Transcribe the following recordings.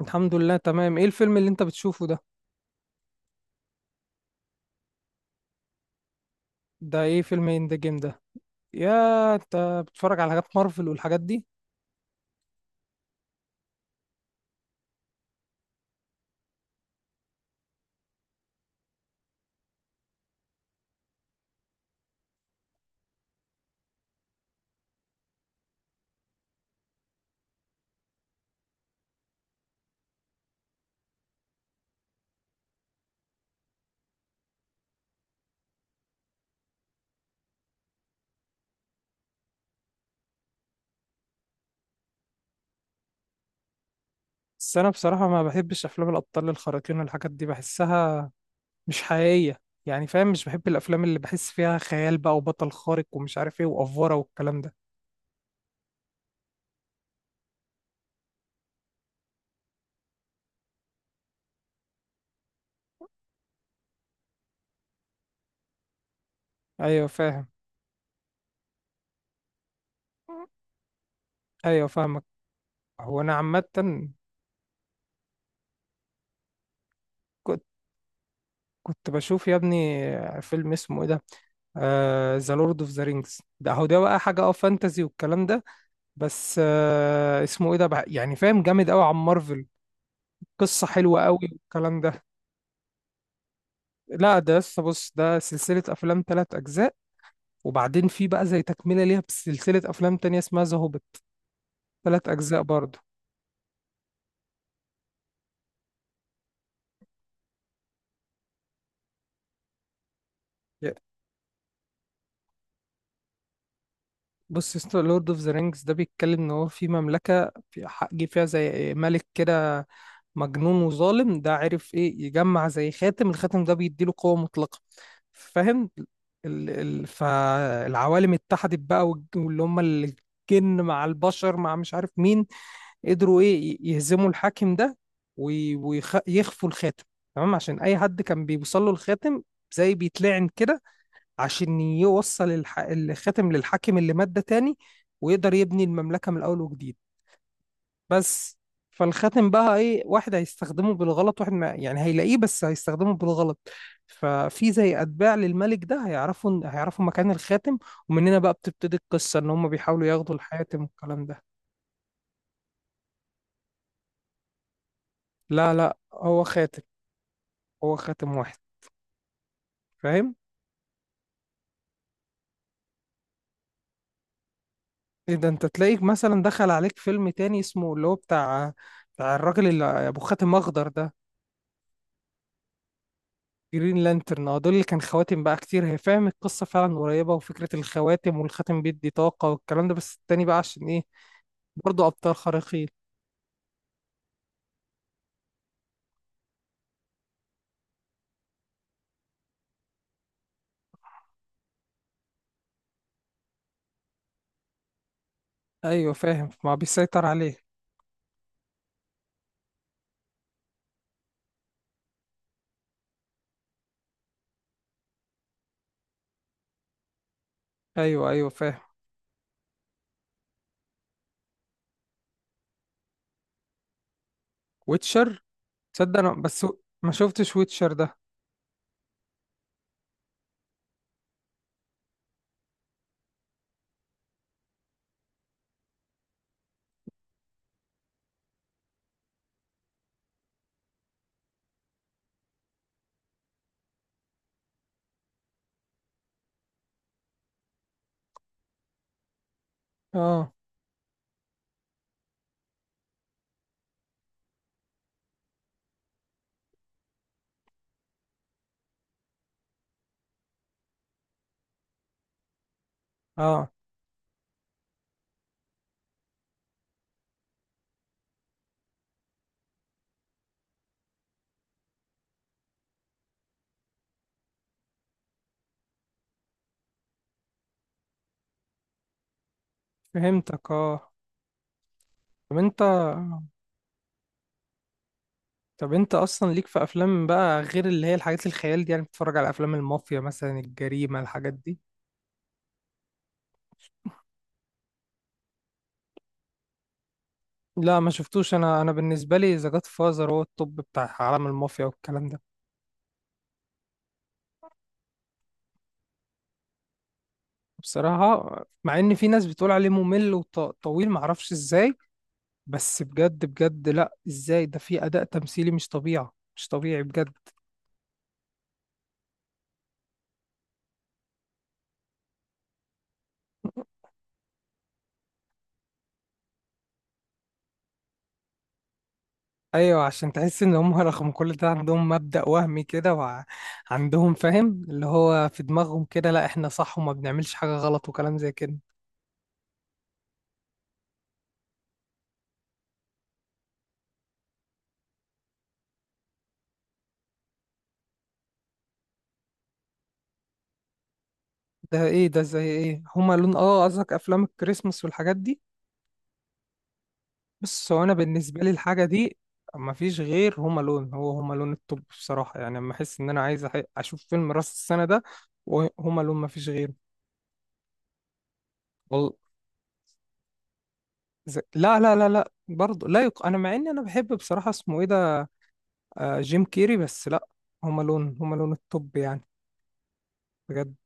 الحمد لله، تمام. ايه الفيلم اللي انت بتشوفه ده؟ ده ايه فيلم ان ذا جيم ده؟ يا انت بتتفرج على حاجات مارفل والحاجات دي؟ بس انا بصراحة ما بحبش افلام الابطال الخارقين والحاجات دي، بحسها مش حقيقية. يعني فاهم؟ مش بحب الافلام اللي بحس فيها خيال بقى وبطل خارق ومش عارف ايه وافورة والكلام ده. ايوه فاهم. ايوه فاهمك. هو انا عامة كنت كنت بشوف يا ابني فيلم اسمه ايه ده، ذا لورد اوف ذا رينجز ده. هو ده بقى حاجة، اه، فانتزي والكلام ده. بس اسمه ايه ده بقى؟ يعني فاهم، جامد قوي عن مارفل. قصة حلوة قوي والكلام ده. لا، ده لسه، بص، ده سلسلة أفلام تلات أجزاء، وبعدين في بقى زي تكملة ليها بسلسلة أفلام تانية اسمها ذا هوبيت، تلات أجزاء برضه. بص يا اسطى، لورد اوف ذا رينجز ده بيتكلم ان هو في مملكه في جه فيها زي ملك كده مجنون وظالم، ده عرف ايه يجمع زي خاتم، الخاتم ده بيديله قوه مطلقه. فاهم؟ فالعوالم اتحدت بقى، واللي هم الجن مع البشر مع مش عارف مين، قدروا ايه يهزموا الحاكم ده، ويخفوا يخفوا الخاتم. تمام؟ عشان اي حد كان بيوصل له الخاتم زي بيتلعن كده، عشان يوصل الخاتم للحاكم اللي مات ده تاني، ويقدر يبني المملكة من الأول وجديد. بس فالخاتم بقى، إيه، واحد هيستخدمه بالغلط، واحد ما يعني هيلاقيه بس هيستخدمه بالغلط. ففي زي أتباع للملك ده هيعرفوا مكان الخاتم، ومن هنا بقى بتبتدي القصة إن هم بيحاولوا ياخدوا الحاتم والكلام ده. لا، هو خاتم، هو خاتم واحد. فاهم؟ إيه ده، أنت تلاقيك مثلا دخل عليك فيلم تاني اسمه اللي هو بتاع، بتاع الراجل اللي أبو خاتم أخضر ده. جرين لانترن، اه، دول اللي كان خواتم بقى كتير. هي فاهم، القصة فعلا قريبة، وفكرة الخواتم والخاتم بيدي طاقة والكلام ده. بس التاني بقى عشان ايه؟ برضه أبطال خارقين. أيوة فاهم، ما بيسيطر عليه. أيوة أيوة فاهم. ويتشر. تصدق أنا بس ما شفتش ويتشر ده. اه اه فهمتك، اه. طب انت، طب انت اصلا ليك في افلام بقى غير اللي هي الحاجات الخيال دي؟ يعني بتتفرج على افلام المافيا مثلا، الجريمة، الحاجات دي؟ لا ما شفتوش. انا بالنسبة لي ذا جاد فازر هو التوب بتاع عالم المافيا والكلام ده. بصراحة مع ان في ناس بتقول عليه ممل وطويل، معرفش ازاي، بس بجد بجد، لا ازاي، ده في اداء تمثيلي مش طبيعي، مش طبيعي بجد. ايوه عشان تحس ان هم رغم كل ده عندهم مبدأ وهمي كده، وعندهم فاهم اللي هو في دماغهم كده، لا احنا صح وما بنعملش حاجة غلط وكلام زي كده. ده ايه ده، زي ايه؟ هما لون، اه، قصدك افلام الكريسماس والحاجات دي. بص هو انا بالنسبه لي الحاجه دي، ما فيش غير هوم الون. هو هوم الون التوب بصراحه، يعني لما احس ان انا عايز اشوف فيلم راس السنه ده، وهوم الون ما فيش غيره. وال- لا لا لا لا برضه، لا انا مع اني انا بحب بصراحه اسمه ايه ده، آه، جيم كيري، بس لا، هوم الون، هوم الون التوب يعني، بجد.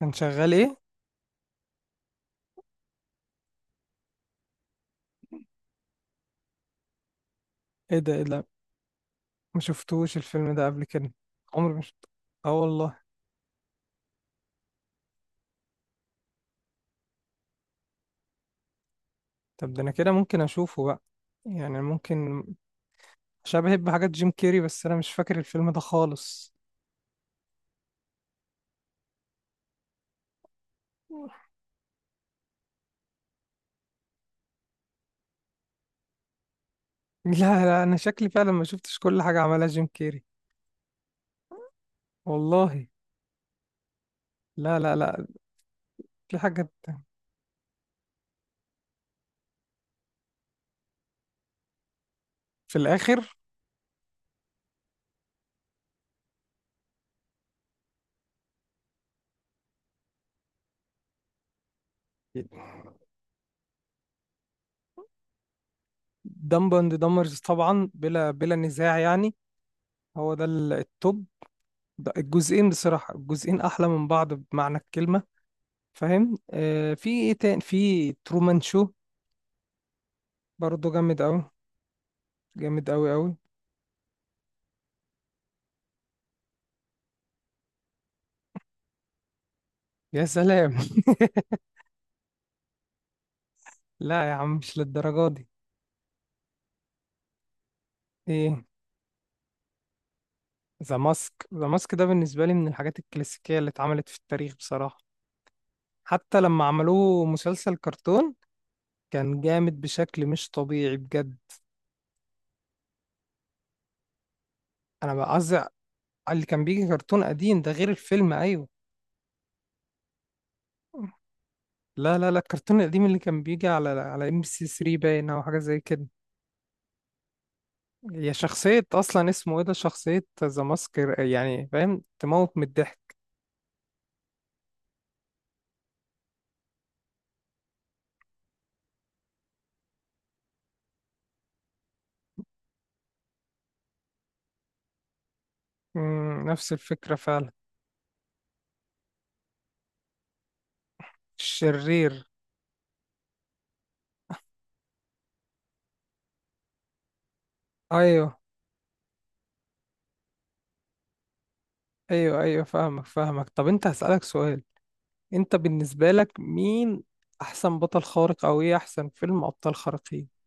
كان شغال ايه؟ ايه ده، ايه ده، ما شفتوش الفيلم ده قبل كده. عمري مش، اه والله. طب ده انا كده ممكن اشوفه بقى، يعني ممكن، عشان بحب حاجات جيم كيري، بس انا مش فاكر الفيلم ده خالص. لا لا، انا شكلي فعلا ما شفتش كل حاجه عملها جيم كيري. والله، لا لا لا. في حاجات. في الاخر دمب اند دمرز طبعا بلا بلا نزاع يعني. هو ده التوب. ده الجزئين بصراحه، الجزئين احلى من بعض بمعنى الكلمه. فاهم؟ آه في ايه تاني، في ترومان شو. برضه جامد قوي، جامد قوي قوي. يا سلام لا يا عم مش للدرجه دي. ايه؟ ذا ماسك. ذا ماسك ده بالنسبة لي من الحاجات الكلاسيكية اللي اتعملت في التاريخ بصراحة. حتى لما عملوه مسلسل كرتون كان جامد بشكل مش طبيعي بجد. انا بقى قصدي على اللي كان بيجي كرتون قديم ده، غير الفيلم، ايوه. لا لا لا، الكرتون القديم اللي كان بيجي على ام بي سي 3 باين او حاجة زي كده. هي شخصية اصلا اسمه ايه ده، شخصية ذا ماسك يعني فاهم، تموت من الضحك. مم، نفس الفكرة فعلا. الشرير. ايوه ايوه، ايوه فاهمك فاهمك. طب انت هسألك سؤال، انت بالنسبة لك مين احسن بطل خارق؟ او ايه احسن فيلم ابطال خارقين؟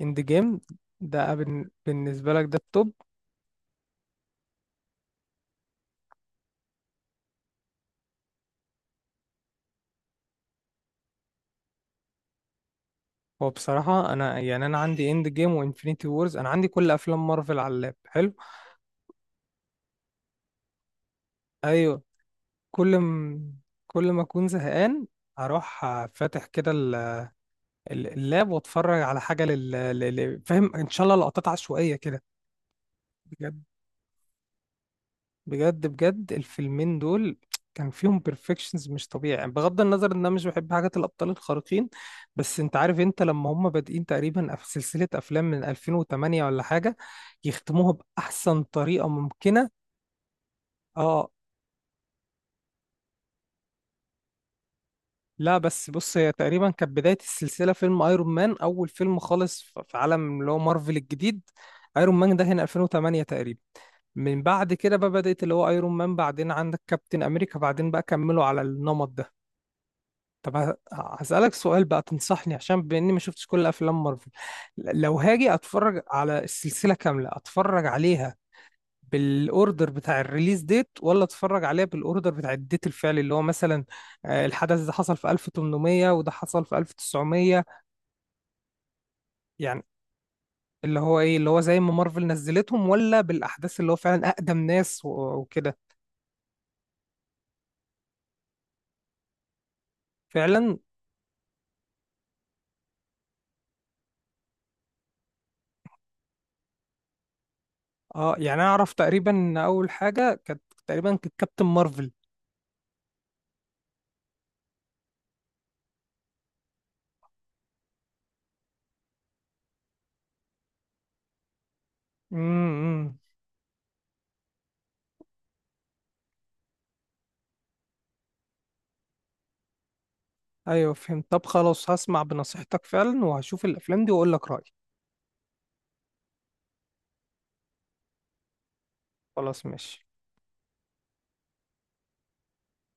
اند جيم. ده بالنسبة لك ده التوب. هو بصراحة انا يعني انا عندي اند جيم وانفينيتي وورز، انا عندي كل افلام مارفل على اللاب، حلو. ايوه. كل م... كل ما اكون زهقان اروح فاتح كده اللاب، واتفرج على حاجة فاهم ان شاء الله لقطات عشوائية كده. بجد، بجد بجد. الفيلمين دول كان فيهم بيرفكشنز مش طبيعي يعني، بغض النظر ان انا مش بحب حاجات الابطال الخارقين. بس انت عارف انت لما هم بادئين تقريبا في سلسله افلام من 2008 ولا حاجه، يختموها باحسن طريقه ممكنه. اه لا، بس بص، هي تقريبا كانت بدايه السلسله فيلم ايرون مان، اول فيلم خالص في عالم اللي هو مارفل الجديد. ايرون مان ده هنا 2008 تقريبا، من بعد كده بقى بدات اللي هو ايرون مان، بعدين عندك كابتن امريكا، بعدين بقى كملوا على النمط ده. طب هسألك سؤال بقى، تنصحني عشان بإني ما شفتش كل أفلام مارفل، لو هاجي أتفرج على السلسلة كاملة، أتفرج عليها بالأوردر بتاع الريليز ديت ولا أتفرج عليها بالأوردر بتاع الديت الفعلي، اللي هو مثلا الحدث ده حصل في 1800 وده حصل في 1900، يعني اللي هو إيه، اللي هو زي ما مارفل نزلتهم، ولا بالأحداث اللي هو فعلا أقدم ناس وكده. فعلا. اه يعني أنا أعرف تقريبا إن أول حاجة كانت تقريبا كانت كابتن مارفل. امم امم. ايوه فهمت. طب خلاص هسمع بنصيحتك فعلا، وهشوف الافلام دي واقول لك رايي. خلاص ماشي.